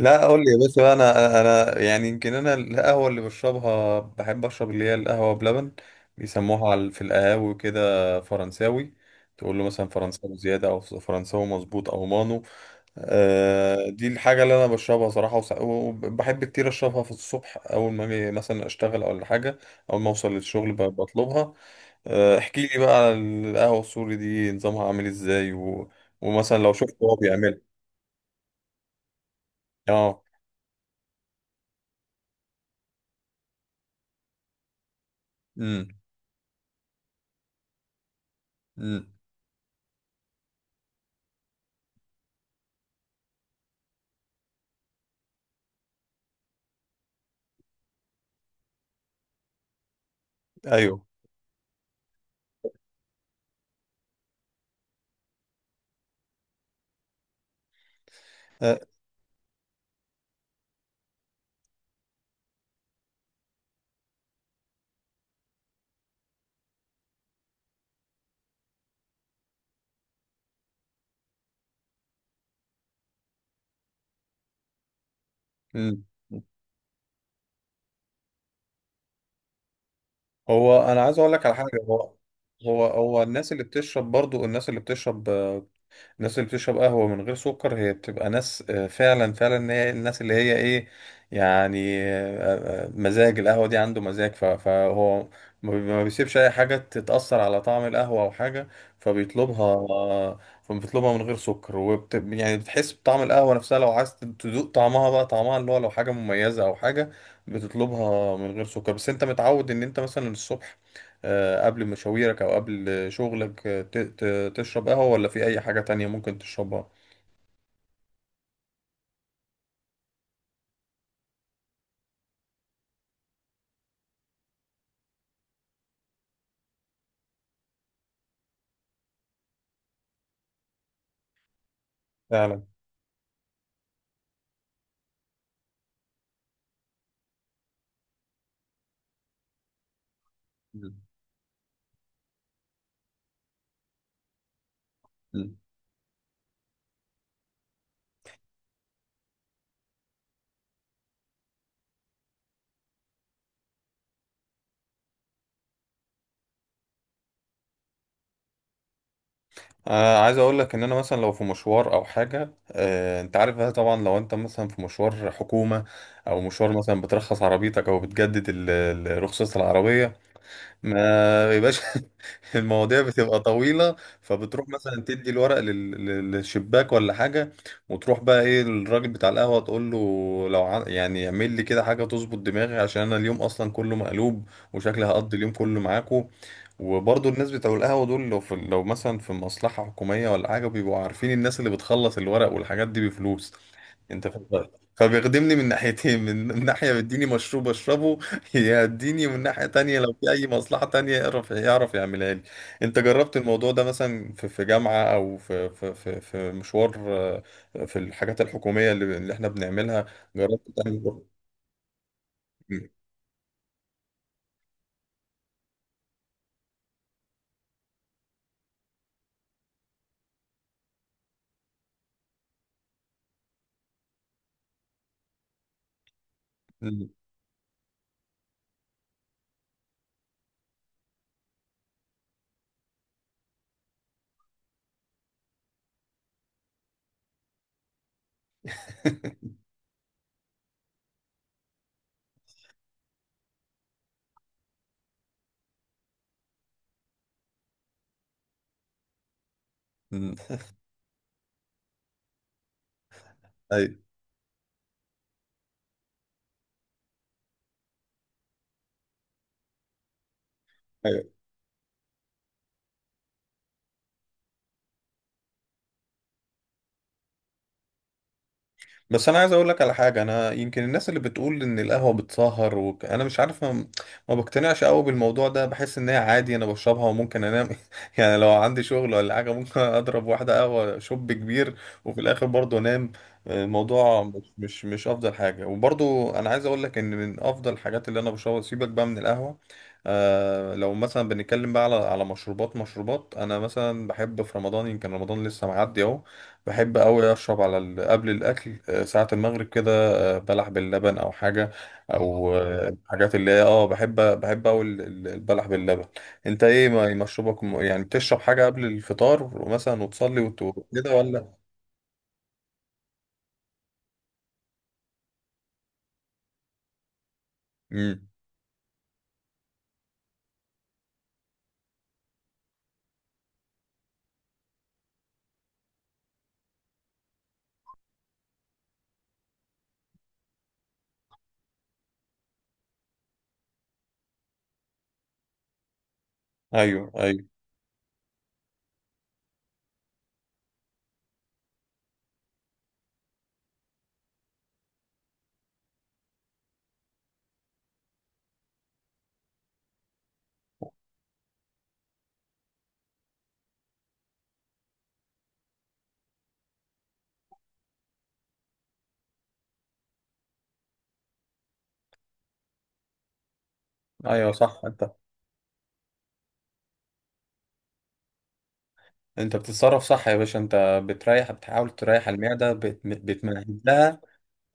لا، قول لي يا باشا بقى، انا يعني يمكن انا القهوه اللي بشربها بحب اشرب اللي هي القهوه بلبن. بيسموها في القهاوي كده فرنساوي. تقول له مثلا فرنساوي زياده او فرنساوي مظبوط او مانو. دي الحاجه اللي انا بشربها صراحه، وبحب كتير اشربها في الصبح اول ما اجي مثلا اشتغل او حاجه. اول ما اوصل للشغل بطلبها. احكي لي بقى على القهوه السوري دي نظامها عامل ازاي، ومثلا لو شفت هو بيعملها. اه. امم، امم. ايوه. أه. مم. هو انا عايز اقول لك على حاجه. هو الناس اللي بتشرب برضو الناس اللي بتشرب الناس اللي بتشرب قهوة من غير سكر هي بتبقى ناس، فعلا فعلا، هي الناس اللي هي ايه، يعني مزاج. القهوة دي عنده مزاج. فهو ما بيسيبش اي حاجة تتأثر على طعم القهوة او حاجة. فبيطلبها من غير سكر، يعني بتحس بطعم القهوة نفسها لو عايز تدوق طعمها بقى، طعمها اللي هو لو حاجة مميزة او حاجة. بتطلبها من غير سكر. بس انت متعود ان انت مثلا الصبح، قبل مشاويرك او قبل شغلك، تشرب قهوة ولا في اي حاجة تانية ممكن تشربها؟ فعلا. مم. مم. عايز اقول لك ان انا مثلا لو في مشوار او حاجة، انت عارف بقى طبعا لو انت مثلا في مشوار حكومة او مشوار مثلا بترخص عربيتك او بتجدد رخصة العربية، ما يبقاش المواضيع بتبقى طويلة، فبتروح مثلا تدي الورق للشباك ولا حاجة. وتروح بقى ايه الراجل بتاع القهوة تقول له لو يعني اعمل لي كده حاجة تظبط دماغي عشان انا اليوم اصلا كله مقلوب وشكلي هقضي اليوم كله معاكو. وبرضه الناس بتوع القهوة دول، لو مثلا في مصلحة حكومية ولا حاجة، بيبقوا عارفين الناس اللي بتخلص الورق والحاجات دي بفلوس. انت فاهم؟ فبيخدمني من ناحيتين، من ناحية بيديني مشروب اشربه، يديني من ناحية تانية لو في أي مصلحة تانية يعرف يعملها لي. أنت جربت الموضوع ده مثلا في جامعة أو في مشوار، في الحاجات الحكومية اللي إحنا بنعملها؟ جربت تعمل؟ م- م- م. أيوه. بس انا عايز اقول لك على حاجه. انا يمكن الناس اللي بتقول ان القهوه بتسهر، انا مش عارف، ما بقتنعش قوي بالموضوع ده. بحس ان هي عادي انا بشربها وممكن انام يعني لو عندي شغل ولا حاجه ممكن اضرب واحده قهوه شوب كبير وفي الاخر برضه انام. الموضوع مش افضل حاجه. وبرضه انا عايز اقول لك ان من افضل الحاجات اللي انا بشربها، سيبك بقى من القهوه. لو مثلا بنتكلم بقى على مشروبات، مشروبات انا مثلا بحب في رمضان، يمكن رمضان لسه معدي اهو، بحب أوي أشرب على قبل الأكل، ساعة المغرب كده، بلح باللبن أو حاجة. أو اه، حاجات اللي هي بحب، أوي البلح باللبن. أنت إيه مشروبك، يعني بتشرب حاجة قبل الفطار مثلا وتصلي وكده ولا؟ مم. أيوه. أيوه. أيوه صح. أنت بتتصرف صح يا باشا. أنت بتريح، بتحاول تريح المعدة، بتمهد لها.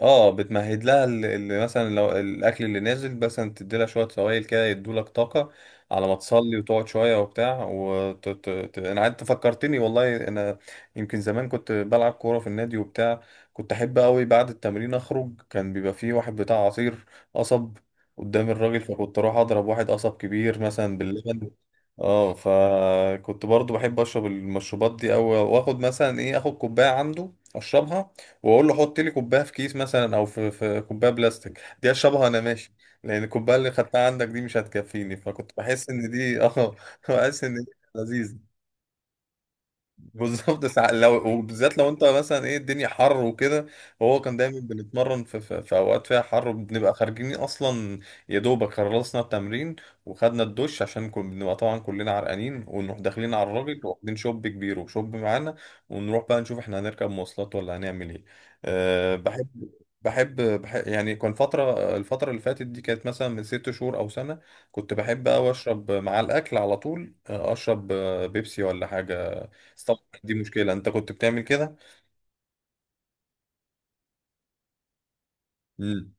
اه، بتمهد لها اللي مثلا لو الاكل اللي نازل مثلا تدي لها شويه سوائل كده يدوا لك طاقه على ما تصلي وتقعد شويه وبتاع. انا قعدت فكرتني والله انا. يمكن زمان كنت بلعب كوره في النادي وبتاع. كنت احب قوي بعد التمرين اخرج، كان بيبقى فيه واحد بتاع عصير قصب قدام الراجل، فكنت اروح اضرب واحد قصب كبير مثلا باللبن. اه، فكنت برضو بحب اشرب المشروبات دي. او واخد مثلا ايه، اخد كوبايه عنده اشربها، واقول له حط لي كوبايه في كيس مثلا او في كوبايه بلاستيك، دي اشربها انا ماشي، لان الكوبايه اللي خدتها عندك دي مش هتكفيني. فكنت بحس ان دي اه، بحس ان دي لذيذه. بالظبط. ساعة لو، وبالذات لو انت مثلا ايه الدنيا حر وكده. وهو كان دايما بنتمرن في, اوقات فيها حر وبنبقى خارجين اصلا. يا دوبك خلصنا التمرين وخدنا الدش، عشان كنا بنبقى طبعا كلنا عرقانين، ونروح داخلين على الراجل واخدين شوب كبير وشوب معانا، ونروح بقى نشوف احنا هنركب مواصلات ولا هنعمل ايه. أه، بحب يعني كان الفترة اللي فاتت دي كانت مثلا من 6 شهور أو سنة، كنت بحب أوي أشرب مع الأكل على طول، أشرب بيبسي ولا حاجة. دي مشكلة، انت كنت بتعمل كده؟ امم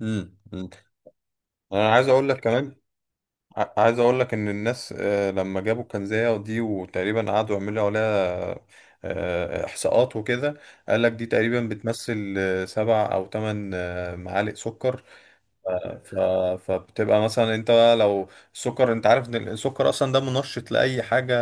امم انا عايز اقول لك كمان، عايز اقول لك ان الناس، لما جابوا الكنزية دي وتقريبا قعدوا يعملوا عليها احصاءات وكده، قال لك دي تقريبا بتمثل 7 او 8 معالق سكر. ف... فبتبقى مثلا انت بقى لو السكر، انت عارف ان السكر اصلا ده منشط لاي حاجه،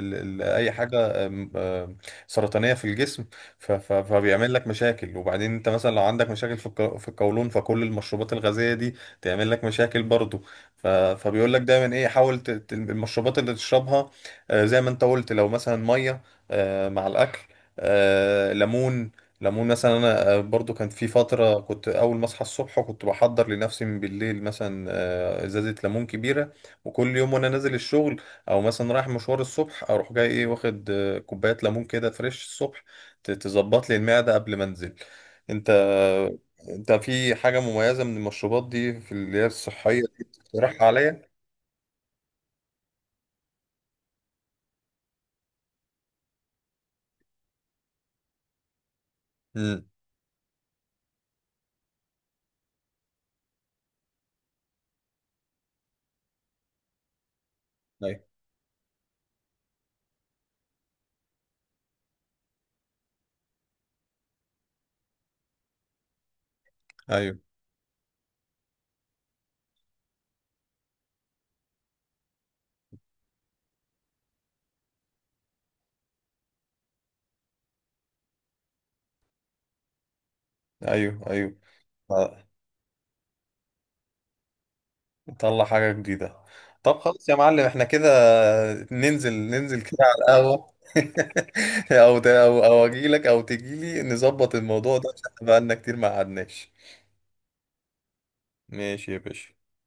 لاي حاجه ام- ام سرطانيه في الجسم. فبيعمل لك مشاكل. وبعدين انت مثلا لو عندك مشاكل في في القولون، فكل المشروبات الغازيه دي تعمل لك مشاكل برضو. فبيقول لك دايما ايه، حاول، المشروبات اللي تشربها، زي ما انت قلت، لو مثلا ميه مع الاكل، ليمون. ليمون مثلا، انا برضو كانت في فتره كنت اول ما اصحى الصبح كنت بحضر لنفسي من بالليل مثلا ازازه ليمون كبيره، وكل يوم وانا نازل الشغل او مثلا رايح مشوار الصبح اروح جاي ايه، واخد كوبايه ليمون كده فريش الصبح تظبط لي المعده قبل ما انزل. انت انت في حاجه مميزه من المشروبات دي، في اللي هي الصحيه دي تقترحها عليا؟ امم. ايوه. ايوه. ايوه. ايوه. نطلع حاجة جديدة. طب خلاص يا معلم، احنا كده ننزل، كده على القهوة او او اجيلك او تجيلي نظبط الموضوع ده عشان بقالنا كتير ما قعدناش. ماشي يا باشا.